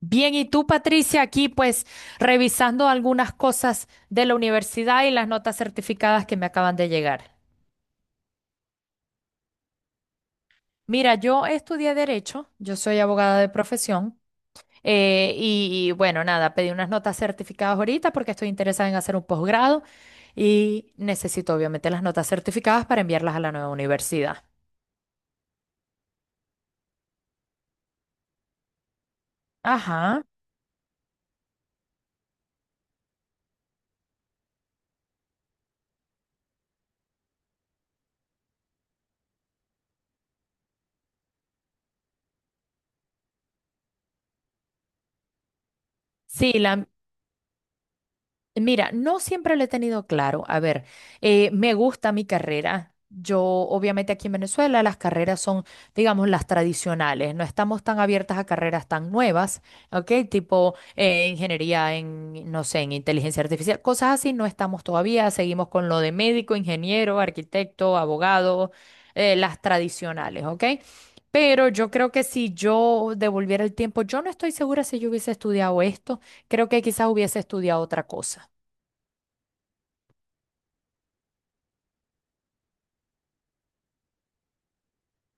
Bien, y tú, Patricia, aquí pues revisando algunas cosas de la universidad y las notas certificadas que me acaban de llegar. Mira, yo estudié derecho, yo soy abogada de profesión, y bueno, nada, pedí unas notas certificadas ahorita porque estoy interesada en hacer un posgrado y necesito obviamente las notas certificadas para enviarlas a la nueva universidad. Ajá. Sí. Mira, no siempre lo he tenido claro. A ver, me gusta mi carrera. Yo, obviamente, aquí en Venezuela las carreras son, digamos, las tradicionales. No estamos tan abiertas a carreras tan nuevas, ¿ok? Tipo ingeniería en, no sé, en inteligencia artificial, cosas así. No estamos todavía. Seguimos con lo de médico, ingeniero, arquitecto, abogado, las tradicionales, ¿ok? Pero yo creo que si yo devolviera el tiempo, yo no estoy segura si yo hubiese estudiado esto. Creo que quizás hubiese estudiado otra cosa.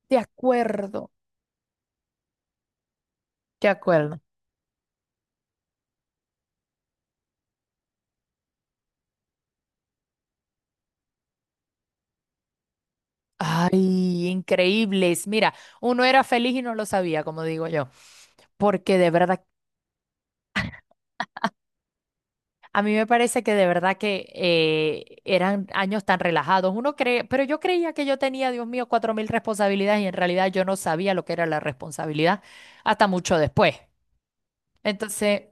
De acuerdo, de acuerdo. Ay, increíbles. Mira, uno era feliz y no lo sabía, como digo yo, porque de verdad, a mí me parece que de verdad que eran años tan relajados. Uno cree, pero yo creía que yo tenía, Dios mío, 4.000 responsabilidades y en realidad yo no sabía lo que era la responsabilidad hasta mucho después. Entonces,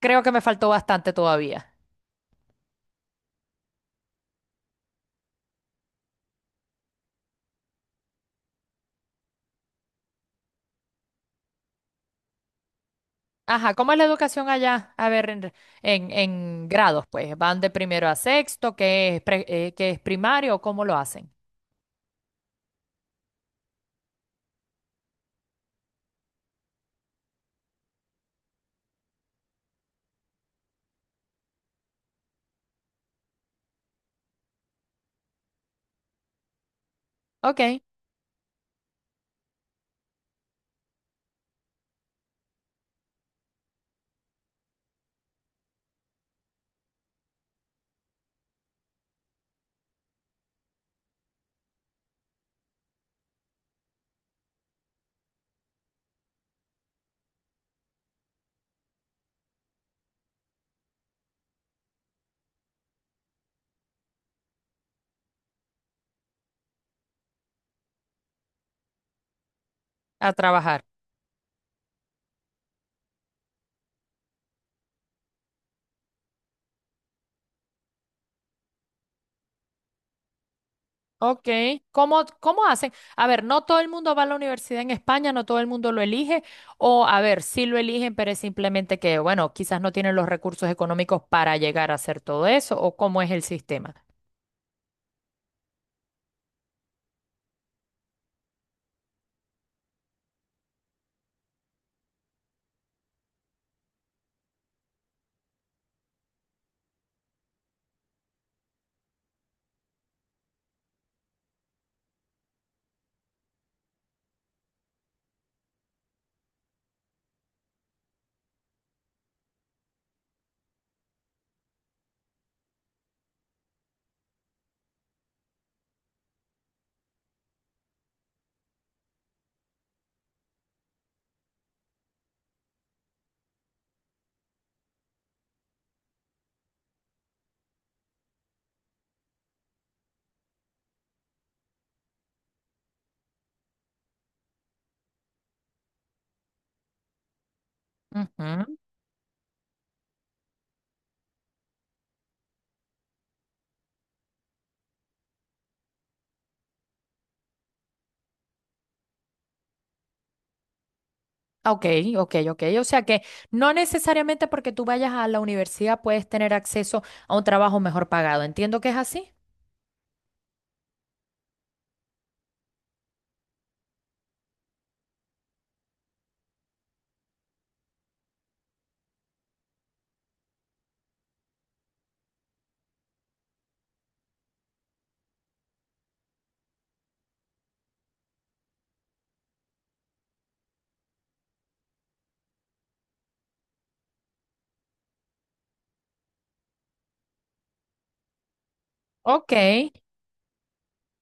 creo que me faltó bastante todavía. Ajá, ¿cómo es la educación allá? A ver, en grados, pues, van de primero a sexto, ¿qué es, que es primario, o cómo lo hacen? Ok, a trabajar. Ok, ¿cómo hacen? A ver, no todo el mundo va a la universidad en España, no todo el mundo lo elige, o a ver, sí lo eligen, pero es simplemente que, bueno, quizás no tienen los recursos económicos para llegar a hacer todo eso, o cómo es el sistema. Ok, ok, ok. O sea que no necesariamente porque tú vayas a la universidad puedes tener acceso a un trabajo mejor pagado. Entiendo que es así. Ok.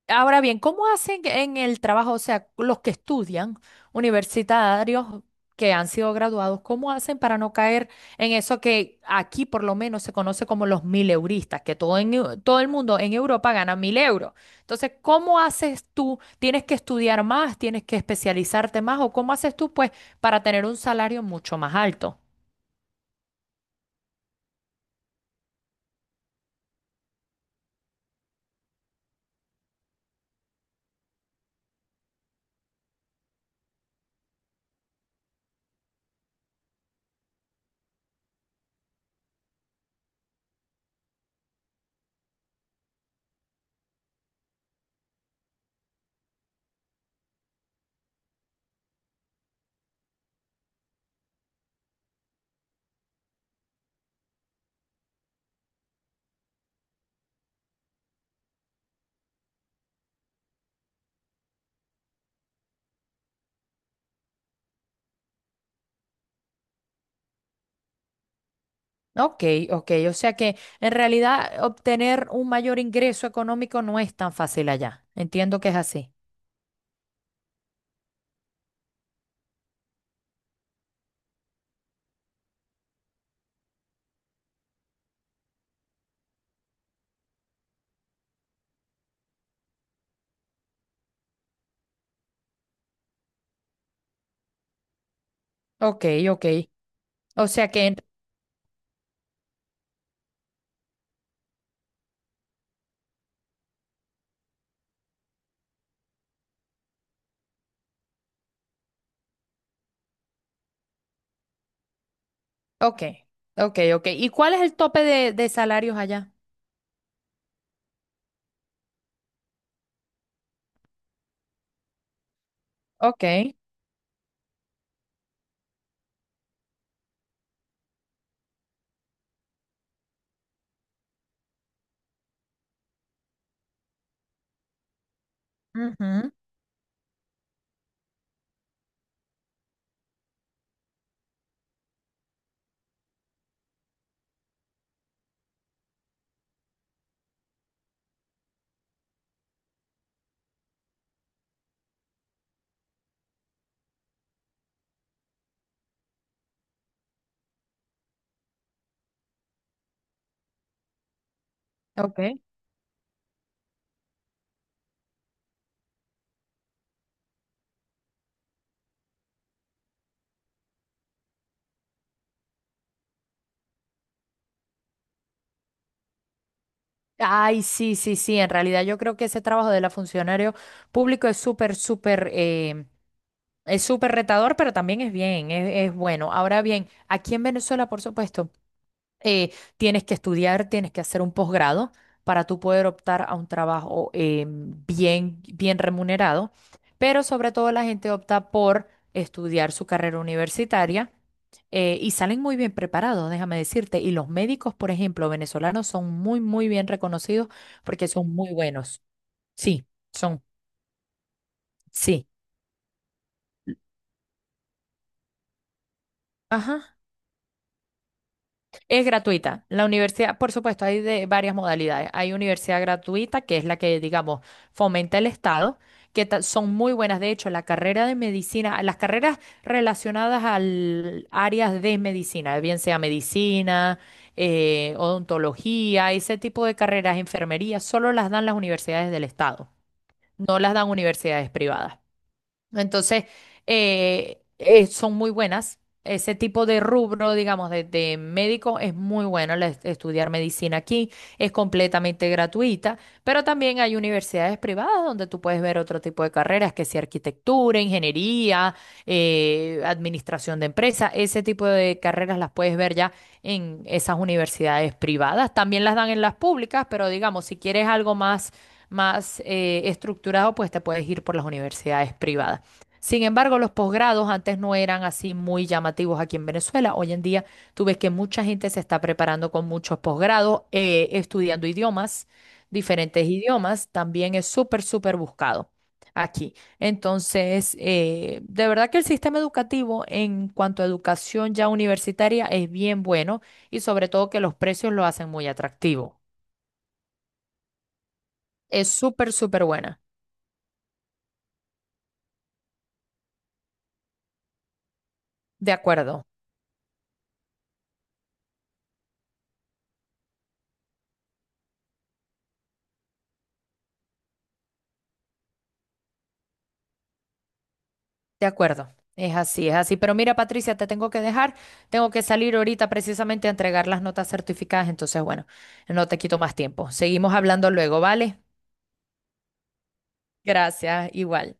Ahora bien, ¿cómo hacen en el trabajo, o sea, los que estudian, universitarios que han sido graduados, cómo hacen para no caer en eso que aquí por lo menos se conoce como los mil euristas, que todo, todo el mundo en Europa gana 1.000 euros? Entonces, ¿cómo haces tú? ¿Tienes que estudiar más? ¿Tienes que especializarte más? ¿O cómo haces tú, pues, para tener un salario mucho más alto? Ok, ok, o sea que en realidad obtener un mayor ingreso económico no es tan fácil allá. Entiendo que es así. Ok, ok. O sea que, ok, ok, ok. ¿Y cuál es el tope de salarios allá? Ok, ujú, ok. Ay, sí, sí, sí. En realidad yo creo que ese trabajo de la funcionario público es súper, súper, es súper retador, pero también es bien, es bueno. Ahora bien, aquí en Venezuela, por supuesto, tienes que estudiar, tienes que hacer un posgrado para tú poder optar a un trabajo bien, bien remunerado, pero sobre todo la gente opta por estudiar su carrera universitaria y salen muy bien preparados, déjame decirte, y los médicos, por ejemplo, venezolanos son muy, muy bien reconocidos porque son muy buenos. Sí, son, sí. Ajá. Es gratuita. La universidad, por supuesto, hay de varias modalidades. Hay universidad gratuita, que es la que, digamos, fomenta el Estado, que son muy buenas. De hecho, la carrera de medicina, las carreras relacionadas al áreas de medicina, bien sea medicina, odontología, ese tipo de carreras, enfermería, solo las dan las universidades del Estado, no las dan universidades privadas. Entonces, son muy buenas. Ese tipo de rubro, digamos, de médico es muy bueno estudiar medicina aquí, es completamente gratuita, pero también hay universidades privadas donde tú puedes ver otro tipo de carreras, que sea arquitectura, ingeniería, administración de empresas, ese tipo de carreras las puedes ver ya en esas universidades privadas. También las dan en las públicas, pero digamos, si quieres algo más, más estructurado, pues te puedes ir por las universidades privadas. Sin embargo, los posgrados antes no eran así muy llamativos aquí en Venezuela. Hoy en día tú ves que mucha gente se está preparando con muchos posgrados, estudiando idiomas, diferentes idiomas. También es súper, súper buscado aquí. Entonces, de verdad que el sistema educativo en cuanto a educación ya universitaria es bien bueno y sobre todo que los precios lo hacen muy atractivo. Es súper, súper buena. De acuerdo. De acuerdo, es así, es así. Pero mira, Patricia, te tengo que dejar. Tengo que salir ahorita precisamente a entregar las notas certificadas. Entonces, bueno, no te quito más tiempo. Seguimos hablando luego, ¿vale? Gracias, igual.